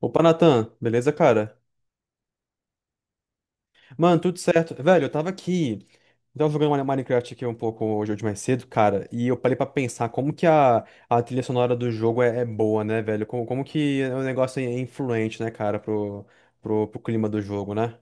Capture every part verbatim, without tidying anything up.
Opa, Natan, beleza, cara? Mano, tudo certo. Velho, eu tava aqui. Eu tava jogando Mine- Minecraft aqui um pouco hoje hoje mais cedo, cara, e eu parei pra pensar como que a, a trilha sonora do jogo é, é boa, né, velho? Como, como que o negócio é influente, né, cara, pro, pro, pro clima do jogo, né?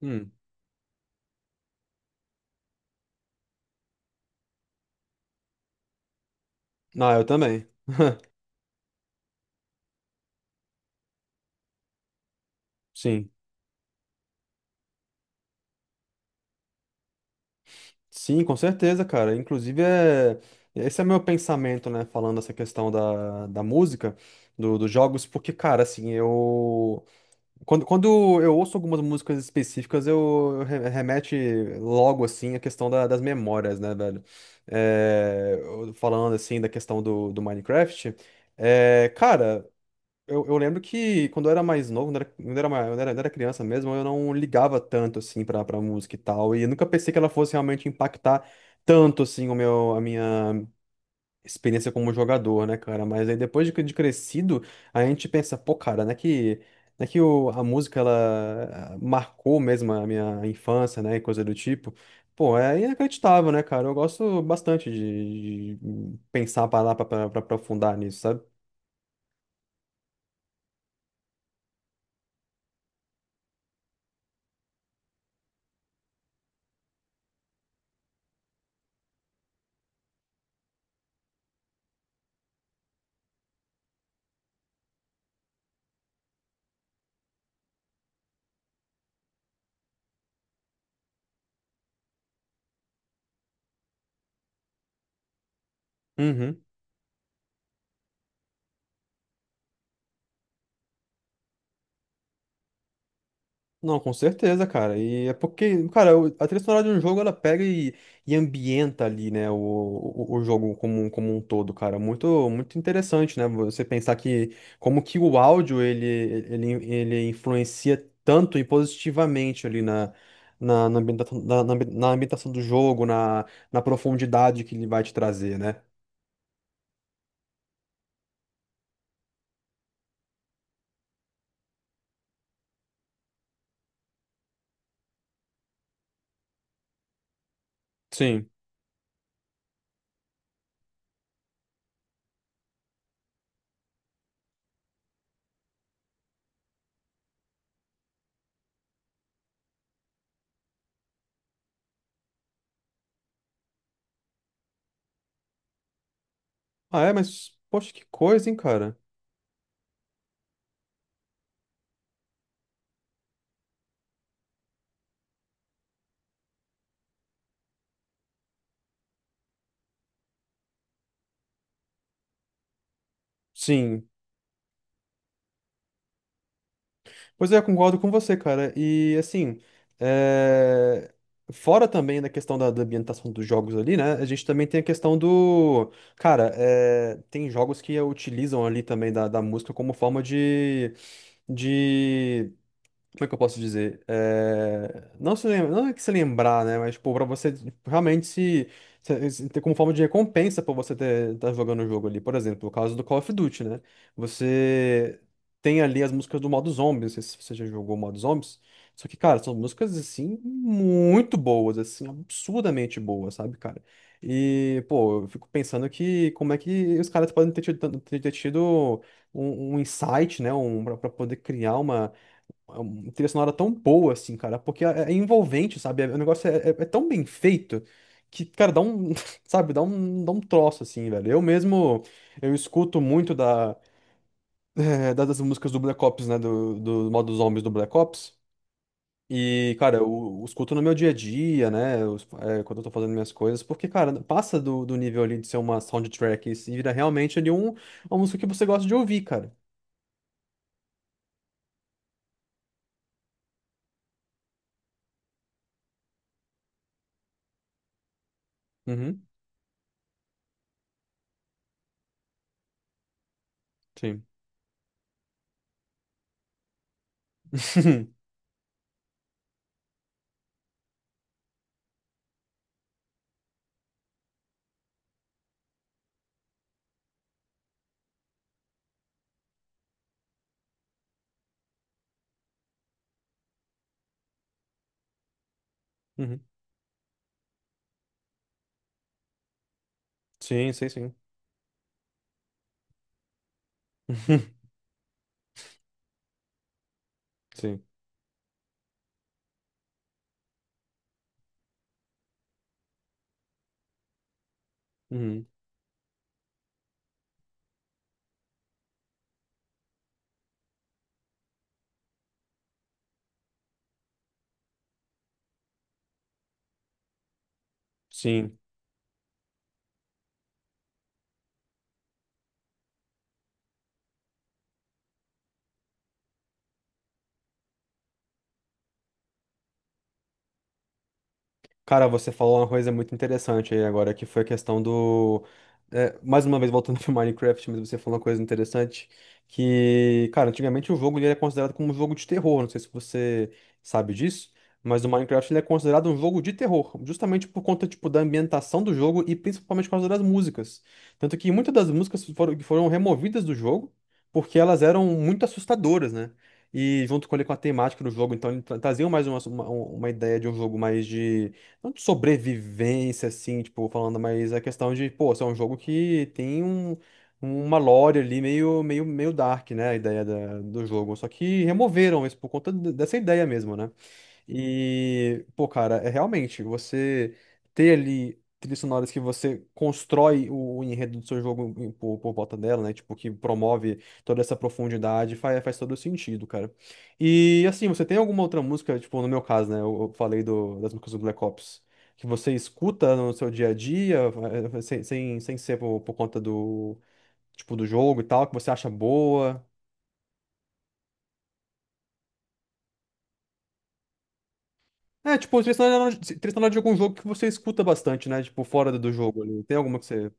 Hum. Ah, eu também. Sim. Sim, com certeza, cara. Inclusive, é... esse é meu pensamento, né? Falando essa questão da, da música, do, dos jogos, porque, cara, assim, eu. Quando, quando eu ouço algumas músicas específicas, eu, eu re- remete logo, assim, a questão da- das memórias, né, velho? É, eu- falando, assim, da questão do, do Minecraft, é, cara, eu, eu lembro que quando eu era mais novo, quando eu era, quando eu era, ma- quando eu era criança mesmo, eu não ligava tanto, assim, pra, pra música e tal, e eu nunca pensei que ela fosse realmente impactar tanto, assim, o meu, a minha experiência como jogador, né, cara? Mas aí depois de, de crescido, a gente pensa, pô, cara, né que, né que o, a música, ela ah, marcou mesmo a minha infância, né, e coisa do tipo. Pô, é é inacreditável, né, cara? Eu gosto bastante de, de pensar, parar pra, pra, pra aprofundar nisso, sabe? Uhum. Não, com certeza, cara. E é porque, cara, o- a trilha sonora de um jogo ela pega e, e ambienta ali, né, o, o, o jogo como, um- como um todo, cara. Muito, muito interessante, né? Você pensar que como que o áudio ele, ele, ele influencia tanto e positivamente ali na, na, na ambientação, na, na ambi- na ambientação do jogo, na, na profundidade que ele vai te trazer, né? Sim. Ah, é, mas poxa, que coisa, hein, cara? Sim. Pois é, eu concordo com você, cara. E assim, é, fora também da questão da, da ambientação dos jogos ali, né? A gente também tem a questão do. Cara, é, tem jogos que utilizam ali também da, da música como forma de, de como é que eu posso dizer? É, não se lembra, não é que se lembrar, né? Mas, pô, pra você tipo, realmente se, se- se- ter como forma de recompensa por você ter, tá jogando o jogo ali. Por exemplo, o caso do Call of Duty, né? Você tem ali as músicas do modo zombies, não sei se você já jogou o modo zombies. Só que, cara, são músicas, assim, muito boas, assim, absurdamente boas, sabe, cara? E, pô, eu fico pensando que como é que os caras podem ter tido, tanto- ter ter tido um, um insight, né? Um, pra, pra poder criar uma é uma trilha sonora tão boa, assim, cara, porque é, é envolvente, sabe? É- O negócio é, é- é tão bem feito que, cara, dá um, sabe, dá um, dá um troço, assim, velho. Eu mesmo, eu escuto muito da, eh, da- das músicas do Black Ops, né, do, do modo zombies do Black Ops. E, cara, eu, eu escuto no meu dia a dia, né, eu- eh, quando eu tô fazendo minhas coisas, porque, cara, passa do, do nível ali de ser uma soundtrack e se vira realmente ali um, uma música que você gosta de ouvir, cara. Uhum, sim. Uhum, sim, sim, sim. Sim. Uhum. Sim. Cara, você falou uma coisa muito interessante aí agora, que foi a questão do. É, mais uma vez voltando pro Minecraft, mas você falou uma coisa interessante, que, cara, antigamente o jogo ele era considerado como um jogo de terror, não sei se você sabe disso, mas o Minecraft ele é considerado um jogo de terror, justamente por conta, tipo, da ambientação do jogo e principalmente por causa das músicas. Tanto que muitas das músicas foram, que foram removidas do jogo, porque elas eram muito assustadoras, né? E junto com, ele, com a temática do jogo, então ele tra- trazia mais uma, uma uma ideia de um jogo mais de não de sobrevivência, assim, tipo, falando, mas a questão de, pô, isso é um jogo que tem um, uma lore ali meio, meio, meio dark, né? A ideia da- do jogo. Só que removeram isso por conta d- dessa ideia mesmo, né? E, pô, cara, é realmente você ter ali trilhas sonoras que você constrói o, o enredo do seu jogo em- por, por volta dela, né? Tipo, que promove toda essa profundidade, faz, faz todo sentido, cara. E, assim, você tem alguma outra música, tipo, no meu caso, né? Eu, eu falei do, das músicas do Black Ops, que você escuta no seu dia a dia, eh, sem, sem, sem ser por, por conta do, tipo, do jogo e tal, que você acha boa. É, tipo, trilha sonora de trilha sonora de algum jogo que você escuta bastante, né? Tipo, fora do do jogo ali. Tem alguma que você.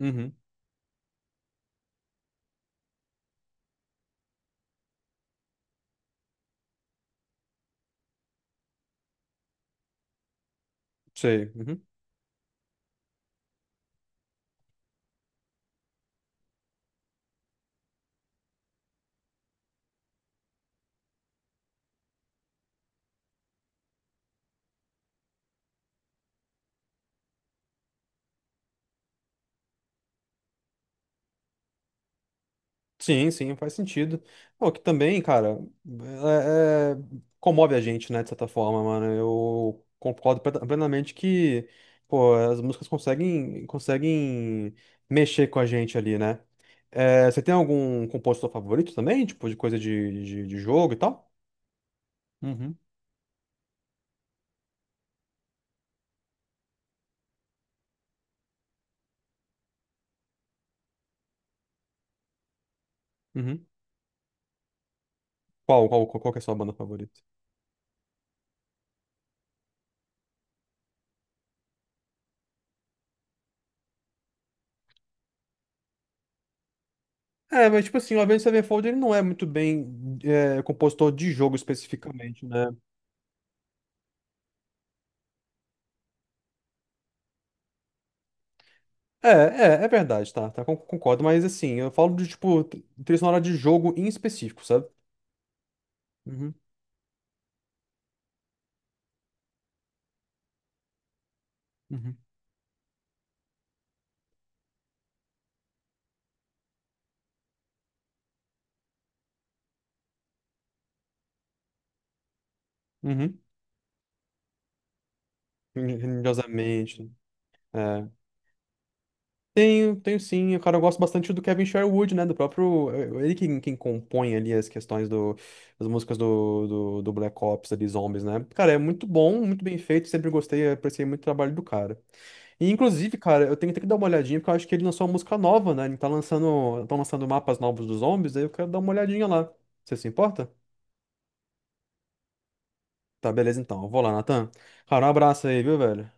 Uhum, sei. Uhum. Sim, sim, faz sentido. Pô, que também, cara, é- é- comove a gente, né? De certa forma, mano. Eu concordo plena- plenamente que, pô, as músicas conseguem, conseguem mexer com a gente ali, né? É, você tem algum compositor favorito também? Tipo, de coisa de, de, de jogo e tal? Uhum, uhum. Qual, qual, qual que é a sua banda favorita? É, mas tipo assim, o Avenged Sevenfold ele não é muito bem é, compositor de jogo especificamente, né? É, é, é verdade, tá, tá, con- concordo, mas assim, eu falo de tipo, tr- trilha sonora de jogo em específico, sabe? Uhum, uhum, uhum. Religiosamente, é. Tenho, tenho sim. Cara, eu gosto bastante do Kevin Sherwood, né? Do próprio. Eh, ele quem, quem compõe ali as questões do, das músicas do, do, do Black Ops, ali, Zombies, né? Cara, é muito bom, muito bem feito. Sempre gostei, apreciei muito o trabalho do cara. E, inclusive, cara, eu tenho, tenho que dar uma olhadinha, porque eu acho que ele lançou uma música nova, né? Ele tá lançando, estão lançando mapas novos dos Zombies, aí eu quero dar uma olhadinha lá. Você se importa? Tá, beleza então. Eu vou lá, Natan. Cara, um abraço aí, viu, velho?